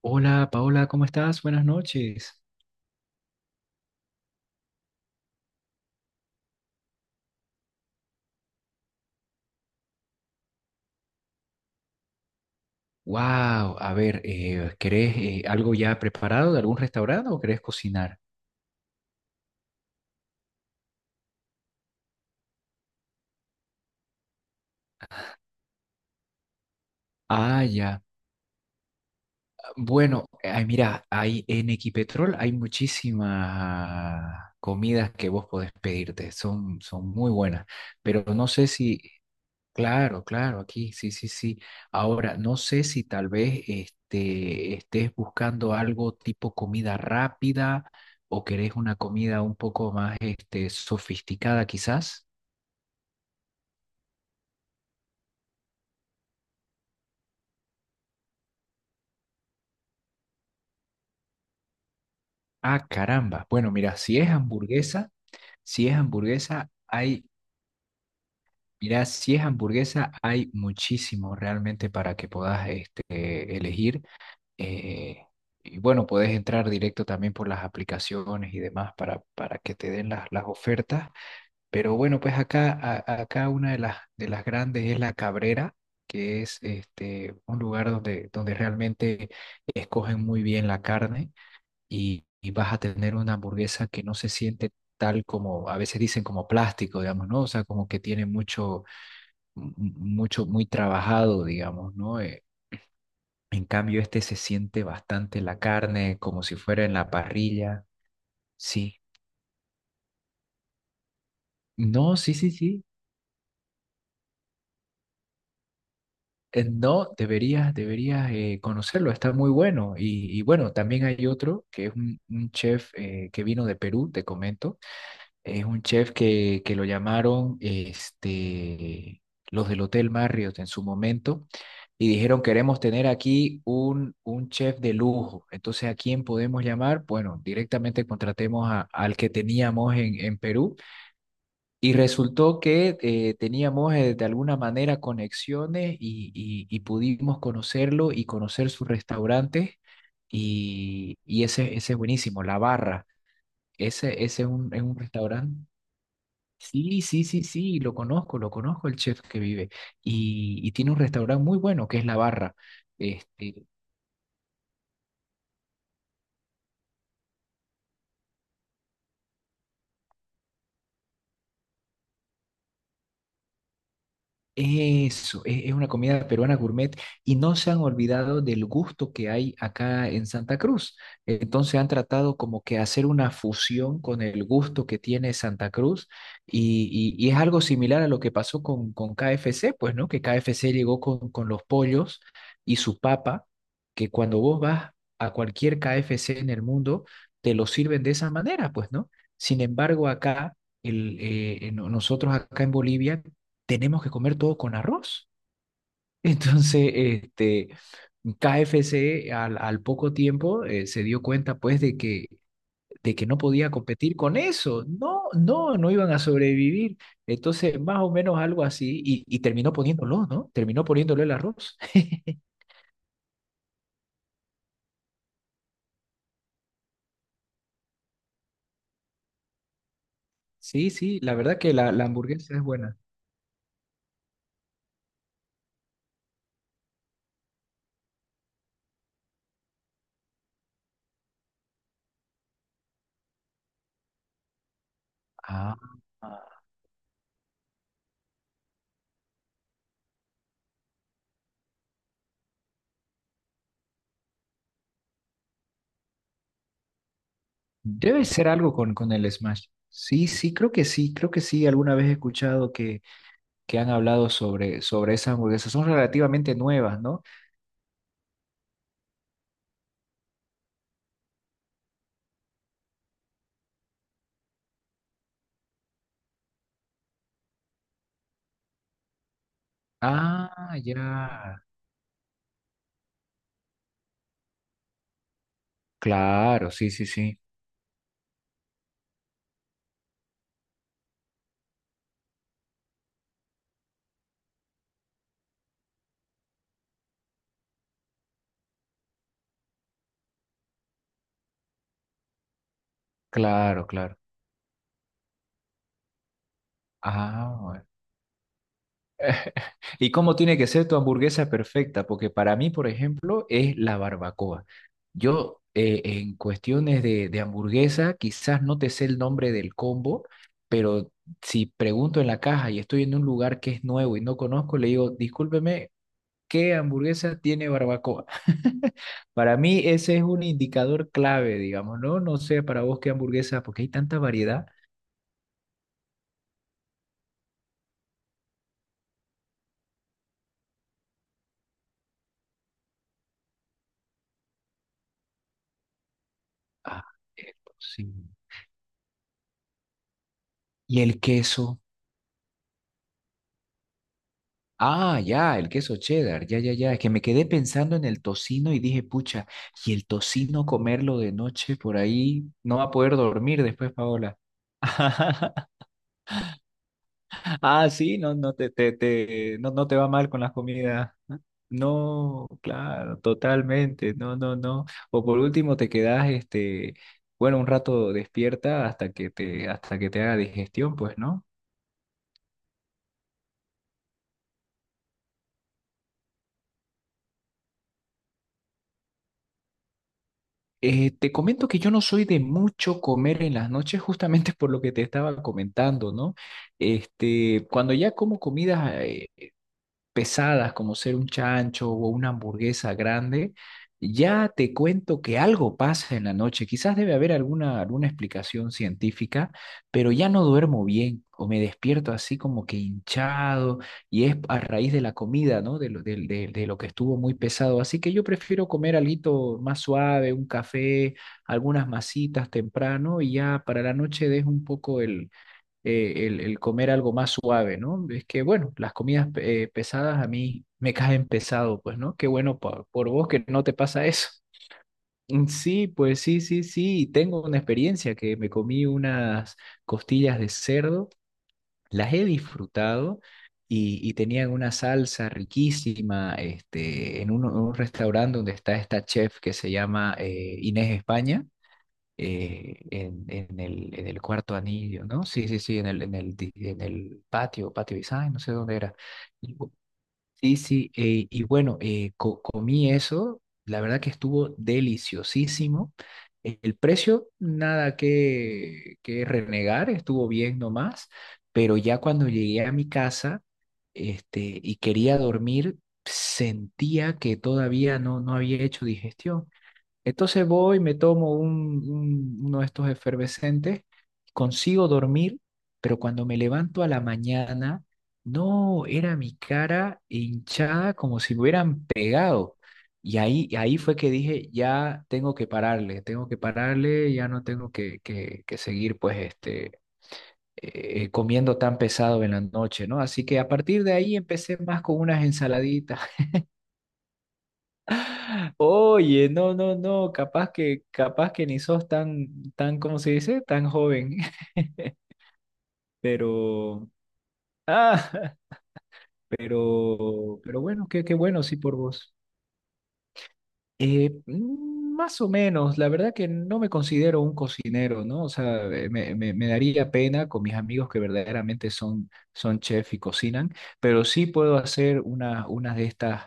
Hola Paola, ¿cómo estás? Buenas noches. Wow, a ver, ¿querés algo ya preparado de algún restaurante o querés cocinar? Ah, ya. Bueno, ay, mira, hay en Equipetrol hay muchísimas comidas que vos podés pedirte, son muy buenas, pero no sé si... Claro, claro, aquí, sí, sí, sí. Ahora, no sé si tal vez estés buscando algo tipo comida rápida o querés una comida un poco más sofisticada quizás. Ah, caramba. Bueno, mira, si es hamburguesa, si es hamburguesa, hay, mira, si es hamburguesa, hay muchísimo realmente para que puedas elegir. Eh, y bueno, puedes entrar directo también por las aplicaciones y demás para que te den las ofertas. Pero bueno, pues acá, acá una de de las grandes es La Cabrera, que es un lugar donde realmente escogen muy bien la carne y vas a tener una hamburguesa que no se siente tal como, a veces dicen como plástico, digamos, ¿no? O sea, como que tiene mucho, mucho, muy trabajado, digamos, ¿no? En cambio, este se siente bastante la carne, como si fuera en la parrilla. Sí. No, sí, sí, sí. No, deberías, deberías conocerlo, está muy bueno. Y bueno, también hay otro que es un chef que vino de Perú, te comento. Es un chef que lo llamaron los del Hotel Marriott en su momento y dijeron, queremos tener aquí un chef de lujo. Entonces, ¿a quién podemos llamar? Bueno, directamente contratemos al que teníamos en Perú y resultó que teníamos de alguna manera conexiones y, y pudimos conocerlo y conocer sus restaurantes. Y ese, ese es buenísimo, La Barra. Ese es es un restaurante. Sí, sí, sí, sí, lo conozco el chef que vive. Y tiene un restaurante muy bueno que es La Barra. Este... Eso, es una comida peruana gourmet y no se han olvidado del gusto que hay acá en Santa Cruz. Entonces han tratado como que hacer una fusión con el gusto que tiene Santa Cruz y, y es algo similar a lo que pasó con KFC, pues, ¿no? Que KFC llegó con los pollos y su papa, que cuando vos vas a cualquier KFC en el mundo, te lo sirven de esa manera, pues, ¿no? Sin embargo, acá... El, nosotros acá en Bolivia tenemos que comer todo con arroz. Entonces, este, KFC al poco tiempo se dio cuenta pues de que no podía competir con eso. No, no, no iban a sobrevivir. Entonces, más o menos algo así, y terminó poniéndolo, ¿no? Terminó poniéndole el arroz. Sí, sí, la verdad que la hamburguesa es buena. Ah, debe ser algo con el Smash. Sí, sí, creo que sí, creo que sí. Alguna vez he escuchado que han hablado sobre, sobre esas hamburguesas. Son relativamente nuevas, ¿no? Ah, ya. Claro, sí, sí, sí. Claro, claro. Ah, bueno. ¿Y cómo tiene que ser tu hamburguesa perfecta? Porque para mí, por ejemplo, es la barbacoa. Yo, en cuestiones de hamburguesa, quizás no te sé el nombre del combo, pero si pregunto en la caja y estoy en un lugar que es nuevo y no conozco, le digo, discúlpeme, ¿qué hamburguesa tiene barbacoa? Para mí ese es un indicador clave, digamos, ¿no? No sé para vos qué hamburguesa, porque hay tanta variedad. Ah, esto sí. Y el queso. Ah, ya, el queso cheddar, ya, ya, ya. Es que me quedé pensando en el tocino y dije, pucha, y el tocino comerlo de noche por ahí, no va a poder dormir después, Paola. Ah, sí, no, no te, te, no, no te va mal con las comidas, ¿no? No, claro, totalmente. No, no, no. O por último te quedas, bueno, un rato despierta hasta que te haga digestión, pues, ¿no? Te comento que yo no soy de mucho comer en las noches, justamente por lo que te estaba comentando, ¿no? Este, cuando ya como comidas pesadas como ser un chancho o una hamburguesa grande, ya te cuento que algo pasa en la noche. Quizás debe haber alguna explicación científica, pero ya no duermo bien o me despierto así como que hinchado y es a raíz de la comida, ¿no? De lo, de lo que estuvo muy pesado. Así que yo prefiero comer alguito más suave, un café, algunas masitas temprano y ya para la noche dejo un poco el el comer algo más suave, ¿no? Es que, bueno, las comidas pesadas a mí me caen pesado, pues, ¿no? Qué bueno por vos que no te pasa eso. Mm, sí, pues sí, sí, sí. Tengo una experiencia que me comí unas costillas de cerdo, las he disfrutado y tenían una salsa riquísima en un restaurante donde está esta chef que se llama Inés España en el cuarto anillo, ¿no? Sí, sí, sí, en el, en el, en el patio, patio design, no sé dónde era. Y bu- Sí, sí, y bueno, comí eso, la verdad que estuvo deliciosísimo. El precio, nada que renegar, estuvo bien nomás, pero ya cuando llegué a mi casa, y quería dormir, sentía que todavía no, no había hecho digestión. Entonces voy, me tomo uno de estos efervescentes, consigo dormir, pero cuando me levanto a la mañana, no, era mi cara hinchada como si me hubieran pegado. Y ahí, ahí fue que dije, ya tengo que pararle, ya no tengo que, que seguir pues comiendo tan pesado en la noche, ¿no? Así que a partir de ahí empecé más con unas ensaladitas. Oye, no, no, no, capaz que ni sos tan, tan, ¿cómo se dice? Tan joven. Pero, ah, pero bueno, qué, qué bueno, sí, por vos. Más o menos, la verdad que no me considero un cocinero, ¿no? O sea, me, me daría pena con mis amigos que verdaderamente son, son chef y cocinan, pero sí puedo hacer una, unas de estas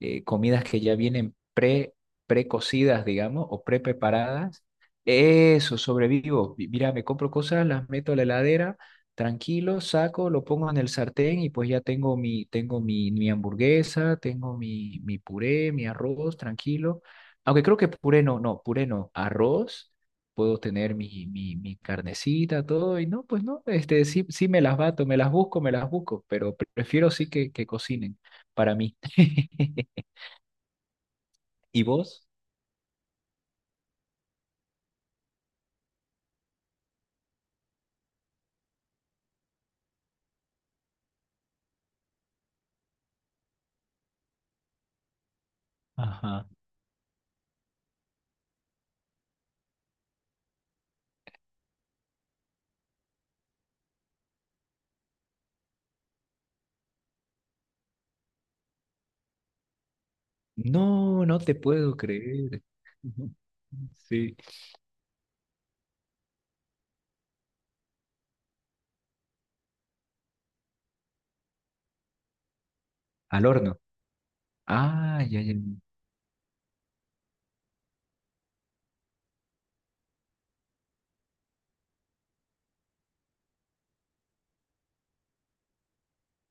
comidas que ya vienen pre, precocidas, digamos, o pre-preparadas. Eso, sobrevivo. Mira, me compro cosas, las meto a la heladera. Tranquilo, saco, lo pongo en el sartén y pues ya tengo mi, mi hamburguesa, tengo mi, mi puré, mi arroz, tranquilo. Aunque creo que puré no, no, puré no, arroz, puedo tener mi, mi, mi carnecita, todo, y no, pues no, este, sí, sí me las bato, me las busco, pero prefiero sí que cocinen para mí. ¿Y vos? Ajá. No, no te puedo creer. Sí. Al horno. Ah, ya, ya.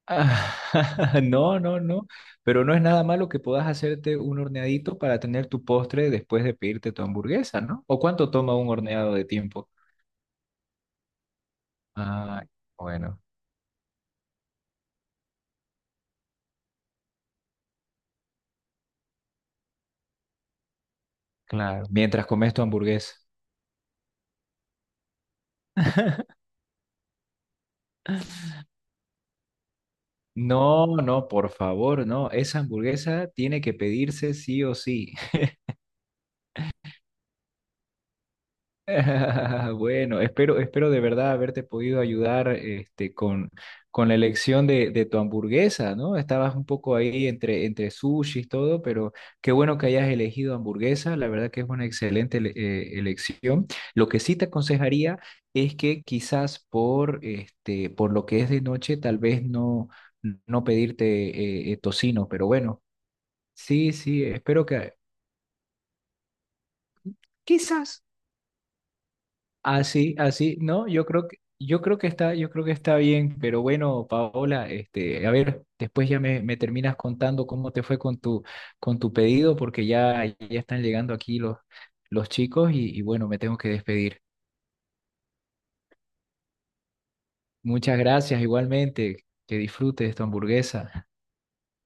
Ah, no, no, no, pero no es nada malo que puedas hacerte un horneadito para tener tu postre después de pedirte tu hamburguesa, ¿no? ¿O cuánto toma un horneado de tiempo? Ah, bueno, claro, mientras comes tu hamburguesa. No, no, por favor, no, esa hamburguesa tiene que pedirse sí o sí. Bueno, espero, espero de verdad haberte podido ayudar con la elección de tu hamburguesa, ¿no? Estabas un poco ahí entre, entre sushi y todo, pero qué bueno que hayas elegido hamburguesa, la verdad que es una excelente elección. Lo que sí te aconsejaría es que quizás por, por lo que es de noche, tal vez no, no pedirte tocino, pero bueno, sí, sí, espero que quizás... Así, así, no, yo creo que está, yo creo que está bien, pero bueno, Paola, a ver, después ya me terminas contando cómo te fue con tu pedido, porque ya, ya están llegando aquí los chicos y bueno, me tengo que despedir. Muchas gracias, igualmente, que disfrutes tu hamburguesa.